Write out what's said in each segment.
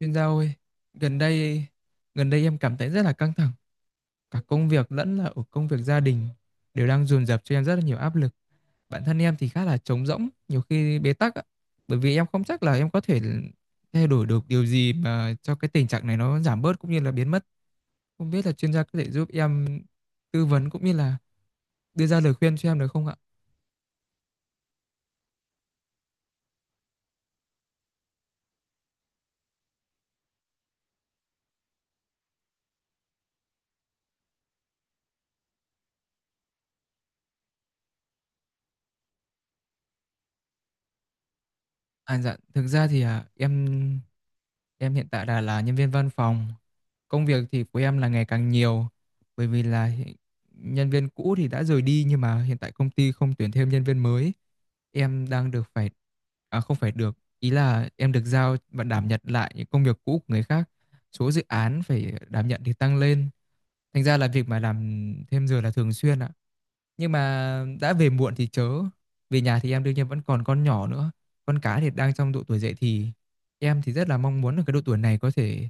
Chuyên gia ơi, gần đây gần đây em cảm thấy rất là căng thẳng, cả công việc lẫn là ở công việc gia đình đều đang dồn dập cho em rất là nhiều áp lực. Bản thân em thì khá là trống rỗng, nhiều khi bế tắc ạ, bởi vì em không chắc là em có thể thay đổi được điều gì mà cho cái tình trạng này nó giảm bớt cũng như là biến mất. Không biết là chuyên gia có thể giúp em tư vấn cũng như là đưa ra lời khuyên cho em được không ạ? À dạ, thực ra thì em hiện tại đã là nhân viên văn phòng. Công việc thì của em là ngày càng nhiều, bởi vì là nhân viên cũ thì đã rời đi nhưng mà hiện tại công ty không tuyển thêm nhân viên mới. Em đang được phải, không phải được, ý là em được giao và đảm nhận lại những công việc cũ của người khác. Số dự án phải đảm nhận thì tăng lên. Thành ra là việc mà làm thêm giờ là thường xuyên ạ. Nhưng mà đã về muộn thì chớ, về nhà thì em đương nhiên vẫn còn con nhỏ nữa. Con cái thì đang trong độ tuổi dậy thì, em thì rất là mong muốn ở cái độ tuổi này có thể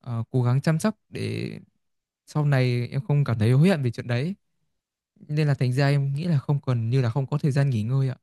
cố gắng chăm sóc để sau này em không cảm thấy hối hận về chuyện đấy. Nên là thành ra em nghĩ là không còn, như là không có thời gian nghỉ ngơi ạ.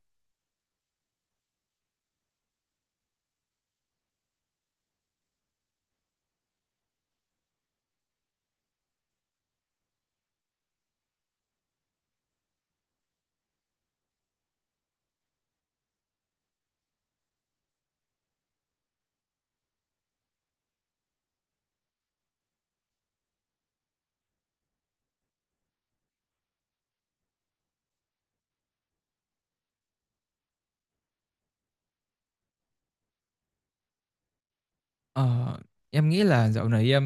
Ờ, em nghĩ là dạo này em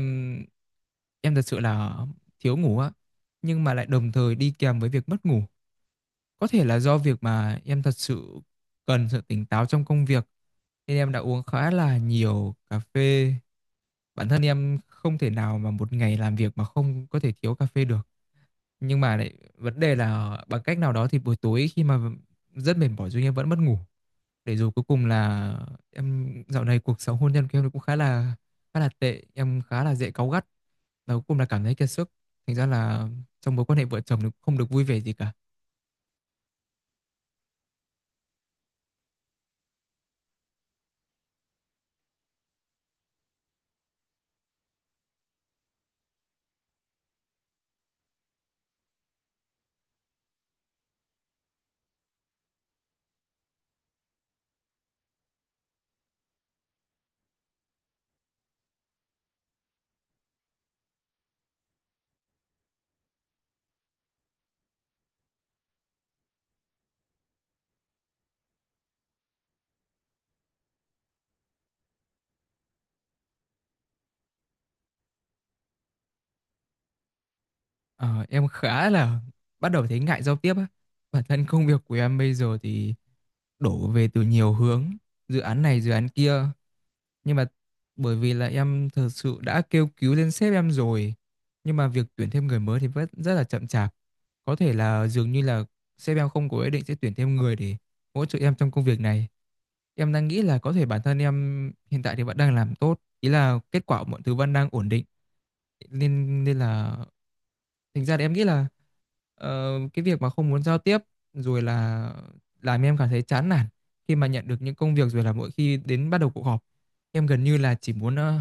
em thật sự là thiếu ngủ á, nhưng mà lại đồng thời đi kèm với việc mất ngủ. Có thể là do việc mà em thật sự cần sự tỉnh táo trong công việc nên em đã uống khá là nhiều cà phê. Bản thân em không thể nào mà một ngày làm việc mà không có thể thiếu cà phê được. Nhưng mà lại vấn đề là bằng cách nào đó thì buổi tối, khi mà rất mệt mỏi nhưng em vẫn mất ngủ. Để rồi cuối cùng là em dạo này cuộc sống hôn nhân của em nó cũng khá là tệ, em khá là dễ cáu gắt. Và cuối cùng là cảm thấy kiệt sức. Thành ra là trong mối quan hệ vợ chồng nó cũng không được vui vẻ gì cả. Ờ, em khá là bắt đầu thấy ngại giao tiếp á. Bản thân công việc của em bây giờ thì đổ về từ nhiều hướng, dự án này dự án kia. Nhưng mà bởi vì là em thật sự đã kêu cứu lên sếp em rồi, nhưng mà việc tuyển thêm người mới thì vẫn rất là chậm chạp. Có thể là dường như là sếp em không có ý định sẽ tuyển thêm người để hỗ trợ em trong công việc này. Em đang nghĩ là có thể bản thân em hiện tại thì vẫn đang làm tốt, ý là kết quả mọi thứ vẫn đang ổn định, nên nên là thành ra thì em nghĩ là cái việc mà không muốn giao tiếp rồi là làm em cảm thấy chán nản khi mà nhận được những công việc, rồi là mỗi khi đến bắt đầu cuộc họp em gần như là chỉ muốn,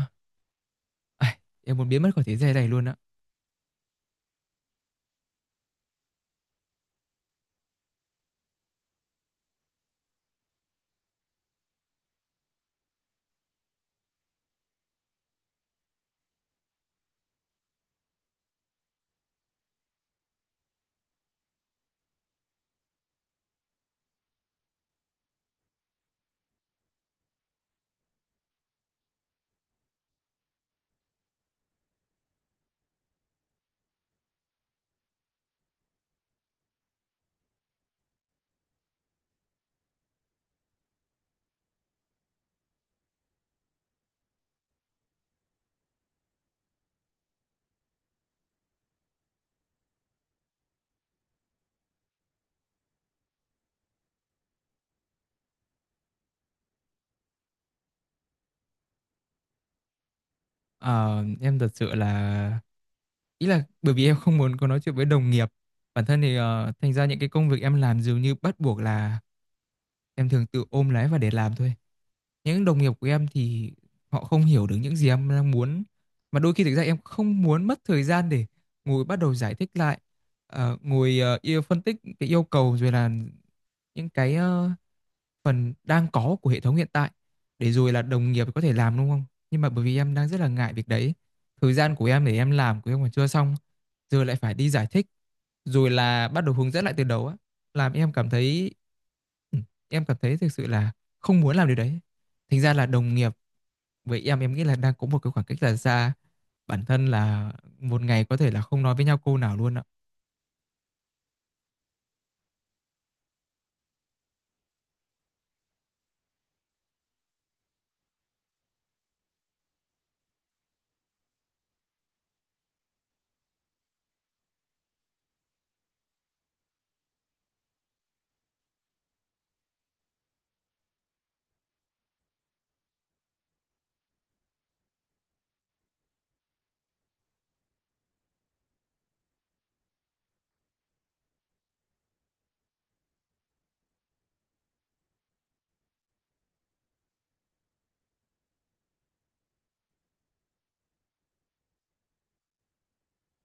ai, em muốn biến mất khỏi thế giới này luôn á. Ờ, em thật sự là, ý là bởi vì em không muốn có nói chuyện với đồng nghiệp, bản thân thì thành ra những cái công việc em làm dường như bắt buộc là em thường tự ôm lấy và để làm thôi. Những đồng nghiệp của em thì họ không hiểu được những gì em đang muốn, mà đôi khi thực ra em không muốn mất thời gian để ngồi bắt đầu giải thích lại, yêu phân tích cái yêu cầu, rồi là những cái phần đang có của hệ thống hiện tại để rồi là đồng nghiệp có thể làm đúng không? Nhưng mà bởi vì em đang rất là ngại việc đấy. Thời gian của em để em làm của em còn chưa xong, giờ lại phải đi giải thích, rồi là bắt đầu hướng dẫn lại từ đầu á, làm em cảm thấy, ừ, em cảm thấy thực sự là không muốn làm điều đấy. Thành ra là đồng nghiệp với em nghĩ là đang có một cái khoảng cách là xa. Bản thân là một ngày có thể là không nói với nhau câu nào luôn ạ.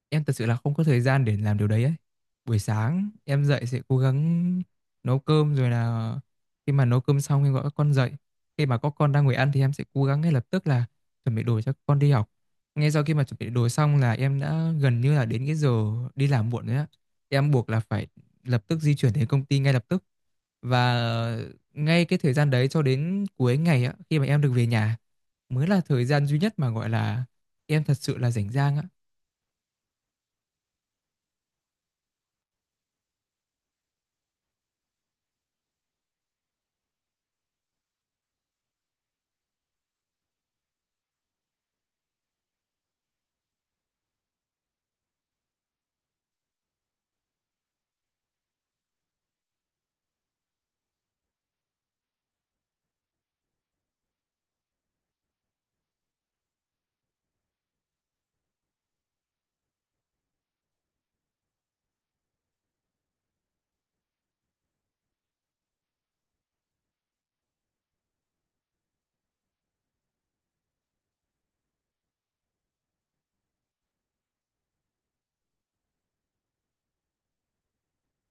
Em thật sự là không có thời gian để làm điều đấy ấy. Buổi sáng em dậy sẽ cố gắng nấu cơm, rồi là khi mà nấu cơm xong em gọi các con dậy. Khi mà có con đang ngồi ăn thì em sẽ cố gắng ngay lập tức là chuẩn bị đồ cho con đi học. Ngay sau khi mà chuẩn bị đồ xong là em đã gần như là đến cái giờ đi làm muộn rồi á. Em buộc là phải lập tức di chuyển đến công ty ngay lập tức, và ngay cái thời gian đấy cho đến cuối ngày á, khi mà em được về nhà mới là thời gian duy nhất mà gọi là em thật sự là rảnh rang á.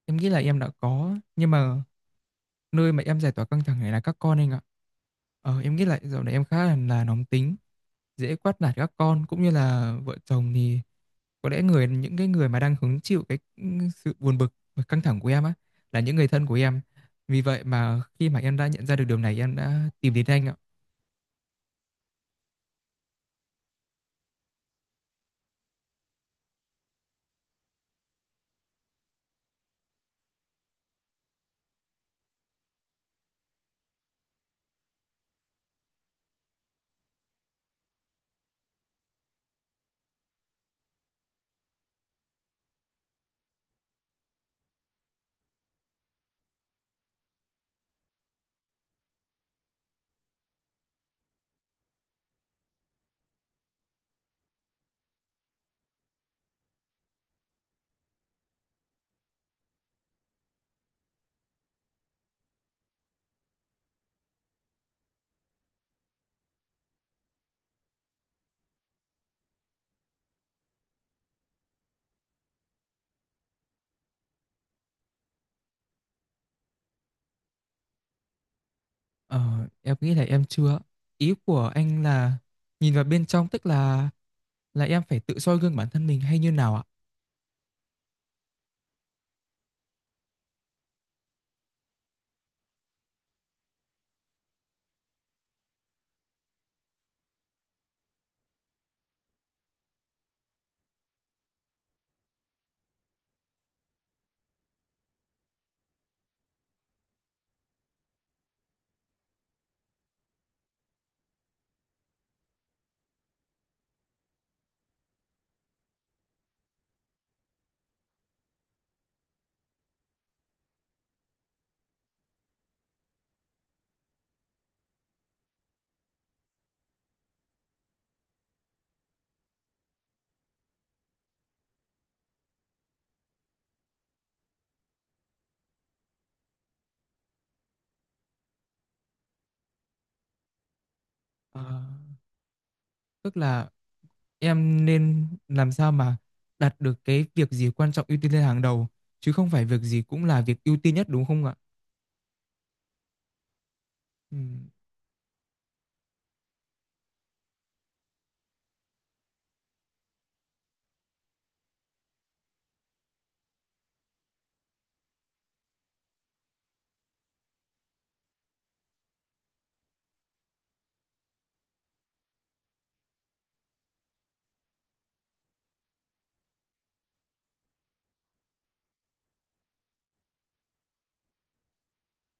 Em nghĩ là em đã có, nhưng mà nơi mà em giải tỏa căng thẳng này là các con anh ạ. Ờ, em nghĩ lại dạo này em khá là nóng tính, dễ quát nạt các con cũng như là vợ chồng, thì có lẽ người, những cái người mà đang hứng chịu cái sự buồn bực và căng thẳng của em á là những người thân của em. Vì vậy mà khi mà em đã nhận ra được điều này, em đã tìm đến anh ạ. Ờ, em nghĩ là em chưa. Ý của anh là nhìn vào bên trong, tức là em phải tự soi gương bản thân mình hay như nào ạ? Ờ, tức là em nên làm sao mà đặt được cái việc gì quan trọng ưu tiên lên hàng đầu, chứ không phải việc gì cũng là việc ưu tiên nhất, đúng không ạ? Ừm,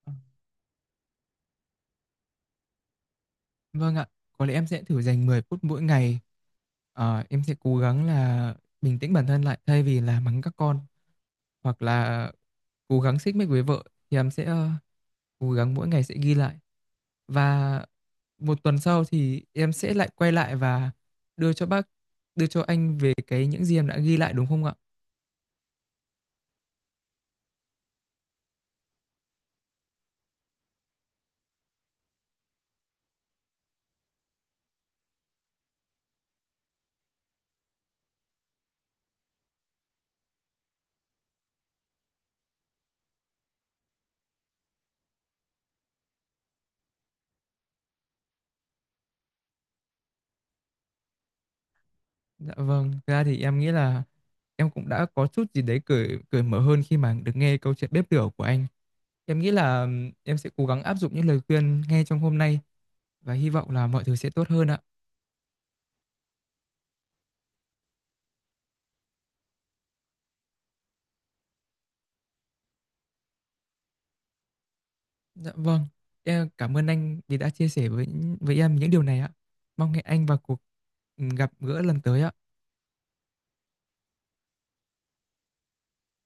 à, Vâng ạ, có lẽ em sẽ thử dành 10 phút mỗi ngày. Ờ, em sẽ cố gắng là bình tĩnh bản thân lại, thay vì là mắng các con hoặc là cố gắng xích mích với vợ, thì em sẽ cố gắng mỗi ngày sẽ ghi lại. Và một tuần sau thì em sẽ lại quay lại và đưa cho bác, đưa cho anh về cái những gì em đã ghi lại, đúng không ạ? Dạ vâng, thực ra thì em nghĩ là em cũng đã có chút gì đấy cởi cởi mở hơn khi mà được nghe câu chuyện bếp lửa của anh. Em nghĩ là em sẽ cố gắng áp dụng những lời khuyên nghe trong hôm nay, và hy vọng là mọi thứ sẽ tốt hơn ạ. Dạ vâng, em cảm ơn anh vì đã chia sẻ với em những điều này ạ. Mong hẹn anh vào cuộc gặp gỡ lần tới ạ.